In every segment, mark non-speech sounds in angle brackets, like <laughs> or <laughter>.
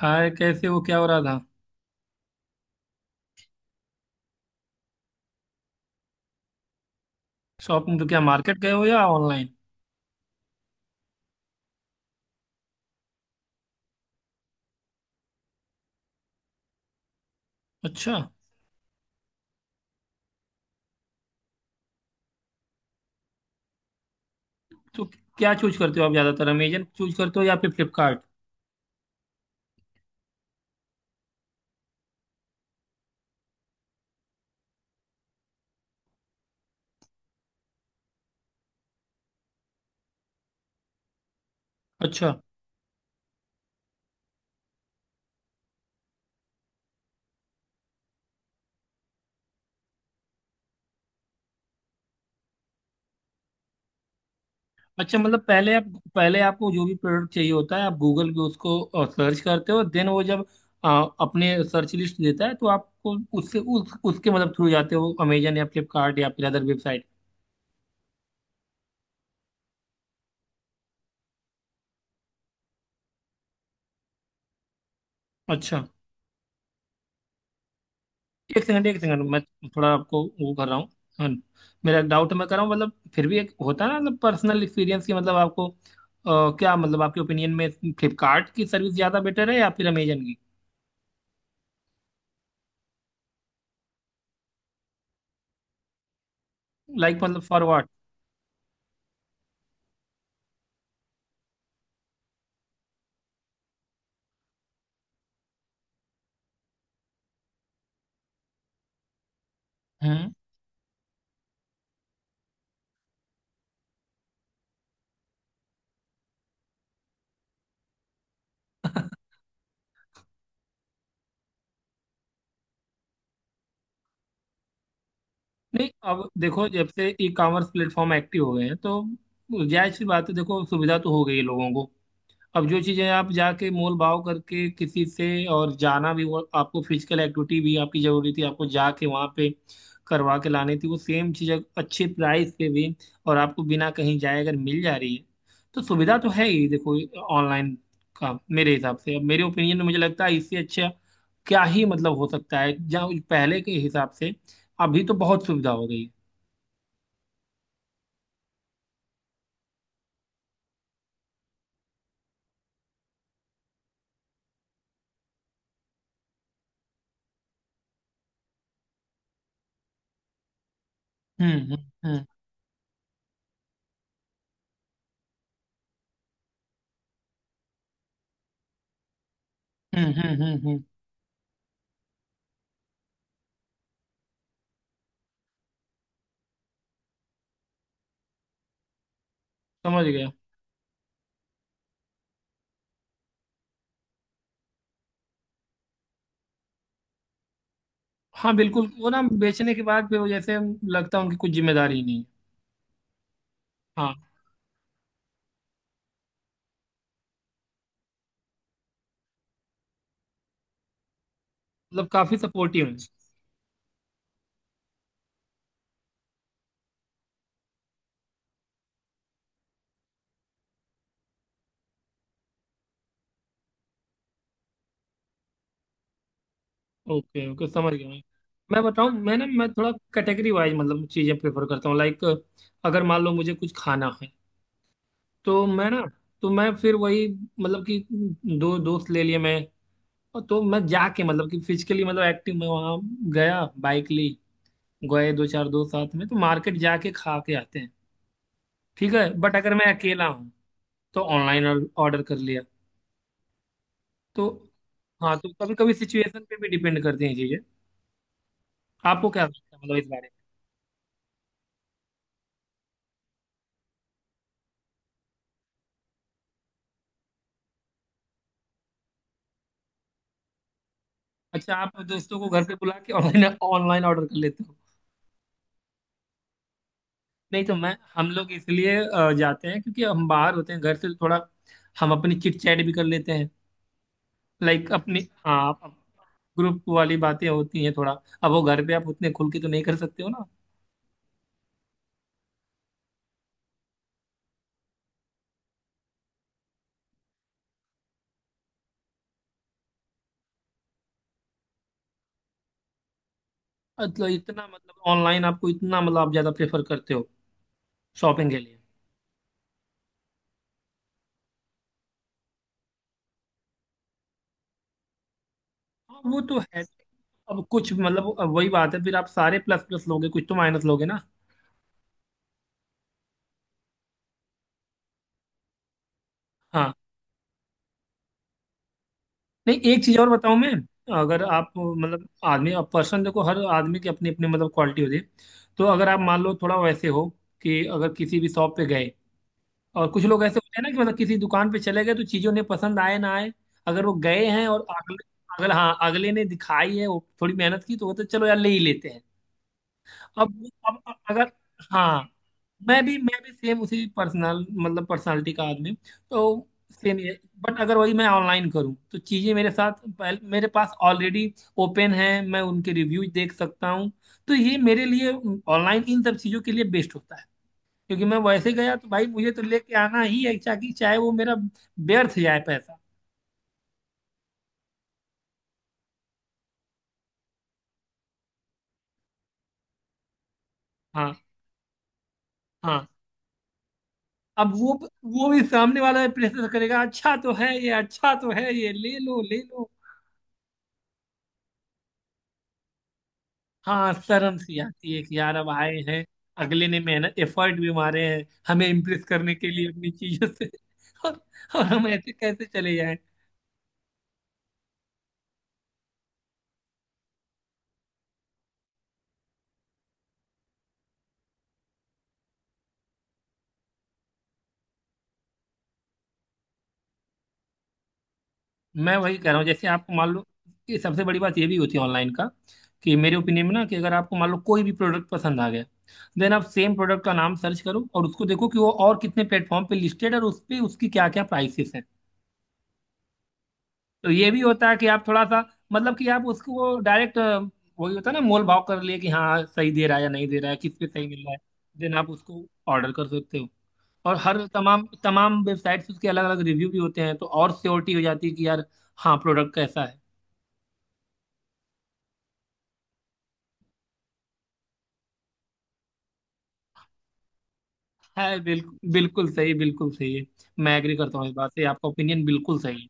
हाय, कैसे हो? क्या हो रहा था? शॉपिंग तो क्या मार्केट गए हो या ऑनलाइन? अच्छा, तो क्या चूज करते हो आप? ज्यादातर अमेजन चूज करते हो या फिर फ्लिपकार्ट? अच्छा, अच्छा। मतलब पहले आपको जो भी प्रोडक्ट चाहिए होता है आप गूगल पे उसको सर्च करते हो। देन वो जब अपने सर्च लिस्ट देता है तो आपको उससे उस उसके मतलब थ्रू जाते हो अमेजन या फ्लिपकार्ट या फिर अदर वेबसाइट। अच्छा, एक सेकंड एक सेकंड। मैं थोड़ा आपको वो कर रहा हूँ। हाँ, मेरा एक डाउट मैं कर रहा हूँ। मतलब फिर भी एक होता है ना, मतलब पर्सनल एक्सपीरियंस की, मतलब आपको क्या मतलब आपके ओपिनियन में फ्लिपकार्ट की सर्विस ज़्यादा बेटर है या फिर अमेजन की? लाइक मतलब फॉर व्हाट? हम्म। <laughs> नहीं, अब देखो, जब से ई कॉमर्स प्लेटफॉर्म एक्टिव हो गए हैं तो जायज सी बात है। देखो, सुविधा तो हो गई है लोगों को। अब जो चीजें आप जाके मोल भाव करके किसी से, और जाना भी, वो आपको फिजिकल एक्टिविटी भी आपकी जरूरी थी, आपको जाके वहां पे करवा के लानी थी वो सेम चीज अच्छे प्राइस पे भी। और आपको बिना कहीं जाए अगर मिल जा रही है तो सुविधा तो है ही। देखो, ऑनलाइन का मेरे हिसाब से, अब मेरे ओपिनियन में मुझे लगता है इससे अच्छा क्या ही मतलब हो सकता है। जहाँ पहले के हिसाब से, अभी तो बहुत सुविधा हो गई है। हम्म, हम्म, हम्म, हम्म, हम्म, हम्म, समझ गया। हाँ, बिल्कुल। वो ना, बेचने के बाद भी वो जैसे लगता है उनकी कुछ जिम्मेदारी ही नहीं है। हाँ, मतलब काफी सपोर्टिव है। Okay, okay. समझ गया मैं। मैं बताऊँ, मैं ना, मैं थोड़ा कैटेगरी वाइज मतलब चीजें प्रेफर करता हूँ। लाइक अगर मान लो मुझे कुछ खाना है, तो मैं ना, तो मैं फिर वही मतलब कि दो दोस्त ले लिए मैं। और तो मैं जाके मतलब कि फिजिकली मतलब एक्टिव मैं वहाँ गया, बाइक ली, गए दो चार दोस्त साथ में, तो मार्केट जाके खा के आते हैं। ठीक है। बट अगर मैं अकेला हूँ तो ऑनलाइन ऑर्डर कर लिया। तो हाँ, तो कभी कभी सिचुएशन पे भी डिपेंड करती हैं चीजें। आपको क्या लगता है मतलब इस बारे में? अच्छा, आप दोस्तों को घर पे बुला के ऑनलाइन ऑनलाइन ऑर्डर कर लेते हो? नहीं तो मैं हम लोग इसलिए जाते हैं क्योंकि हम बाहर होते हैं घर से तो थोड़ा हम अपनी चिट चैट भी कर लेते हैं। लाइक अपनी। हाँ, ग्रुप वाली बातें होती हैं थोड़ा। अब वो घर पे आप उतने खुल के तो नहीं कर सकते हो ना। मतलब इतना, मतलब ऑनलाइन आपको इतना, मतलब आप ज्यादा प्रेफर करते हो शॉपिंग के लिए? हाँ, वो तो है। अब कुछ मतलब, अब वही बात है फिर, आप सारे प्लस प्लस लोगे कुछ तो माइनस लोगे ना। हाँ, नहीं एक चीज और बताऊं मैं। अगर आप मतलब आदमी, अब पर्सन देखो, हर आदमी की अपनी अपनी मतलब क्वालिटी होती है। तो अगर आप मान लो थोड़ा वैसे हो, कि अगर किसी भी शॉप पे गए, और कुछ लोग ऐसे होते हैं ना कि मतलब किसी दुकान पे चले गए तो चीजों ने पसंद आए ना आए, अगर वो गए हैं और अगले अगले, हाँ, अगले ने दिखाई है वो थोड़ी मेहनत की, तो वो तो चलो यार ले ही लेते हैं। अब अब अगर, हाँ, मैं भी सेम उसी पर्सनल मतलब पर्सनालिटी का आदमी हूँ, तो सेम ही है। बट अगर वही मैं ऑनलाइन करूँ तो चीज़ें मेरे साथ पहले मेरे पास ऑलरेडी ओपन है, मैं उनके रिव्यूज देख सकता हूँ। तो ये मेरे लिए ऑनलाइन इन सब चीज़ों के लिए बेस्ट होता है। क्योंकि मैं वैसे गया तो भाई मुझे तो लेके आना ही है, चाहे चाहे वो मेरा व्यर्थ जाए पैसा। हाँ, हाँ। अब वो भी सामने वाला प्रेशर करेगा, अच्छा तो है ये, अच्छा तो है ये, ले लो ले लो। हाँ, शर्म सी आती है कि यार अब आए हैं, अगले ने मेहनत एफर्ट भी मारे हैं हमें इम्प्रेस करने के लिए अपनी चीजों से। <laughs> और, और हम ऐसे कैसे चले जाएं? मैं वही कह रहा हूँ, जैसे आपको मान लो, ये सबसे बड़ी बात ये भी होती है ऑनलाइन का, कि मेरे ओपिनियन में ना, कि अगर आपको मान लो कोई भी प्रोडक्ट पसंद आ गया, देन आप सेम प्रोडक्ट का नाम सर्च करो और उसको देखो कि वो और कितने प्लेटफॉर्म पे लिस्टेड है और उस पे उसकी क्या क्या प्राइसेस हैं। तो ये भी होता है कि आप थोड़ा सा मतलब कि आप उसको डायरेक्ट, वही होता है ना मोल भाव कर लिए कि हाँ सही दे रहा है या नहीं दे रहा है, किस पे सही मिल रहा है। देन आप उसको ऑर्डर कर सकते हो। और हर तमाम तमाम वेबसाइट्स उसके अलग अलग रिव्यू भी होते हैं, तो और श्योरिटी हो जाती है कि यार, हाँ, प्रोडक्ट कैसा है। है बिल्कुल, बिल्कुल सही, बिल्कुल सही है। मैं एग्री करता हूँ इस बात से, आपका ओपिनियन बिल्कुल सही है।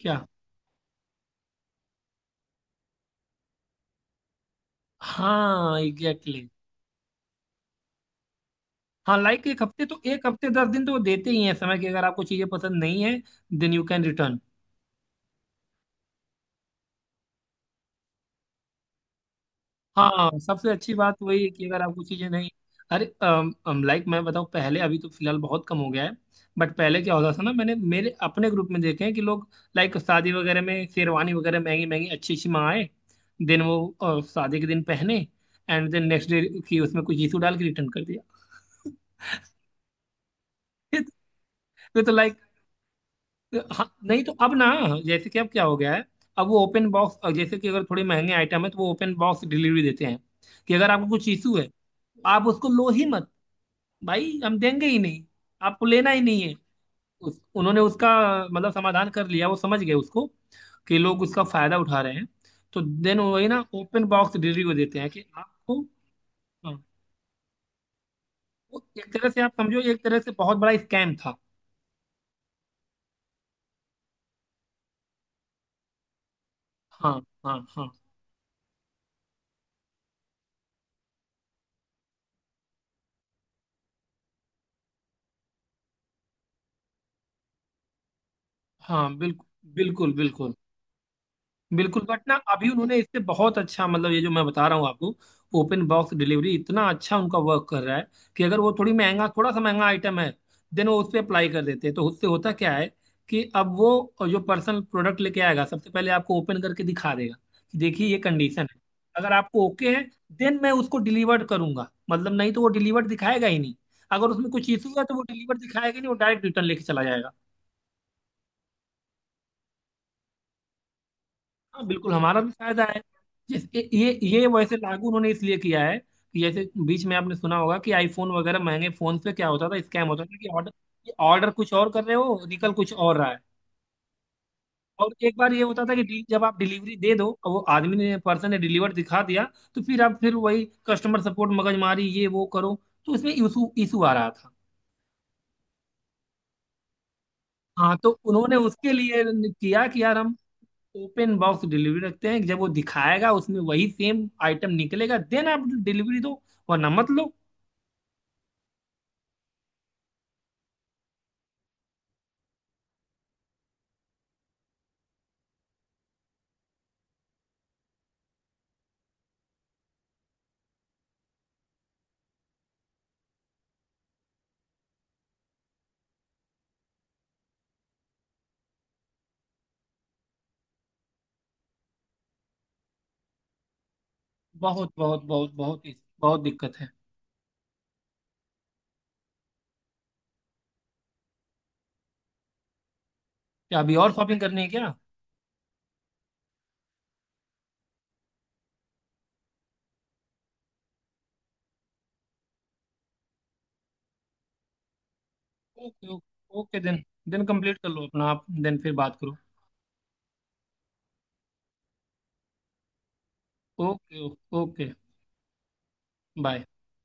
क्या? हाँ, एग्जैक्टली। हाँ, लाइक एक हफ्ते 10 दिन तो वो देते ही हैं समय, कि अगर आपको चीजें पसंद नहीं है, देन यू कैन रिटर्न। हाँ, सबसे अच्छी बात वही है कि अगर आपको चीजें नहीं। अरे, लाइक मैं बताऊँ, पहले, अभी तो फिलहाल बहुत कम हो गया है। बट पहले क्या होता था ना, मैंने मेरे अपने ग्रुप में देखे हैं कि लोग, लाइक शादी वगैरह में शेरवानी वगैरह महंगी महंगी अच्छी अच्छी मंगाए, देन वो शादी के दिन पहने, एंड देन नेक्स्ट डे की उसमें कुछ इशू डाल के रिटर्न कर दिया। ये तो, ये तो लाइक। हाँ, नहीं तो अब ना, जैसे कि अब क्या हो गया है, अब वो ओपन बॉक्स, जैसे कि अगर थोड़े महंगे आइटम है तो वो ओपन बॉक्स डिलीवरी देते हैं कि अगर आपको कुछ इशू है आप उसको लो ही मत, भाई हम देंगे ही नहीं, आपको लेना ही नहीं है। उन्होंने उसका मतलब समाधान कर लिया, वो समझ गए उसको कि लोग उसका फायदा उठा रहे हैं। तो देन वही ना, ओपन बॉक्स डिलीवरी को देते हैं कि आपको। हाँ, वो एक तरह से आप समझो, एक तरह से बहुत बड़ा स्कैम था। हाँ, हाँ, हाँ, हाँ। बिल्कुल, बिल्कुल, बिल्कुल, बिल्कुल। बट ना अभी उन्होंने इससे बहुत अच्छा, मतलब ये जो मैं बता रहा हूँ आपको, ओपन बॉक्स डिलीवरी, इतना अच्छा उनका वर्क कर रहा है कि अगर वो थोड़ी महंगा थोड़ा सा महंगा आइटम है, देन वो उस पर अप्लाई कर देते हैं। तो उससे होता क्या है कि अब वो जो पर्सनल प्रोडक्ट लेके आएगा, सबसे पहले आपको ओपन करके दिखा देगा कि देखिए ये कंडीशन है, अगर आपको ओके है देन मैं उसको डिलीवर्ड करूंगा, मतलब नहीं तो वो डिलीवर्ड दिखाएगा ही नहीं। अगर उसमें कुछ इशू है तो वो डिलीवर्ड दिखाएगा ही नहीं, वो डायरेक्ट रिटर्न लेके चला जाएगा। हाँ, बिल्कुल, हमारा भी फायदा है। जिस, ये वैसे लागू उन्होंने इसलिए किया है कि जैसे बीच में आपने सुना होगा कि आईफोन वगैरह महंगे फोन पे क्या होता था, स्कैम होता था कि ऑर्डर ऑर्डर कुछ और कर रहे हो, निकल कुछ और रहा है। और एक बार ये होता था कि जब आप डिलीवरी दे दो, और वो आदमी ने पर्सन ने डिलीवर दिखा दिया, तो फिर आप फिर वही कस्टमर सपोर्ट मगजमारी ये वो करो, तो इसमें इशू इशू आ रहा था। हाँ, तो उन्होंने उसके लिए किया कि यार हम ओपन बॉक्स डिलीवरी रखते हैं, जब वो दिखाएगा उसमें वही सेम आइटम निकलेगा, देन आप डिलीवरी दो, वरना मत लो। बहुत बहुत बहुत बहुत बहुत दिक्कत है। क्या, अभी और शॉपिंग करनी है क्या? Okay, okay, okay. Then then complete कर लो अपना आप, देन फिर बात करो। ओके। ओके। बाय।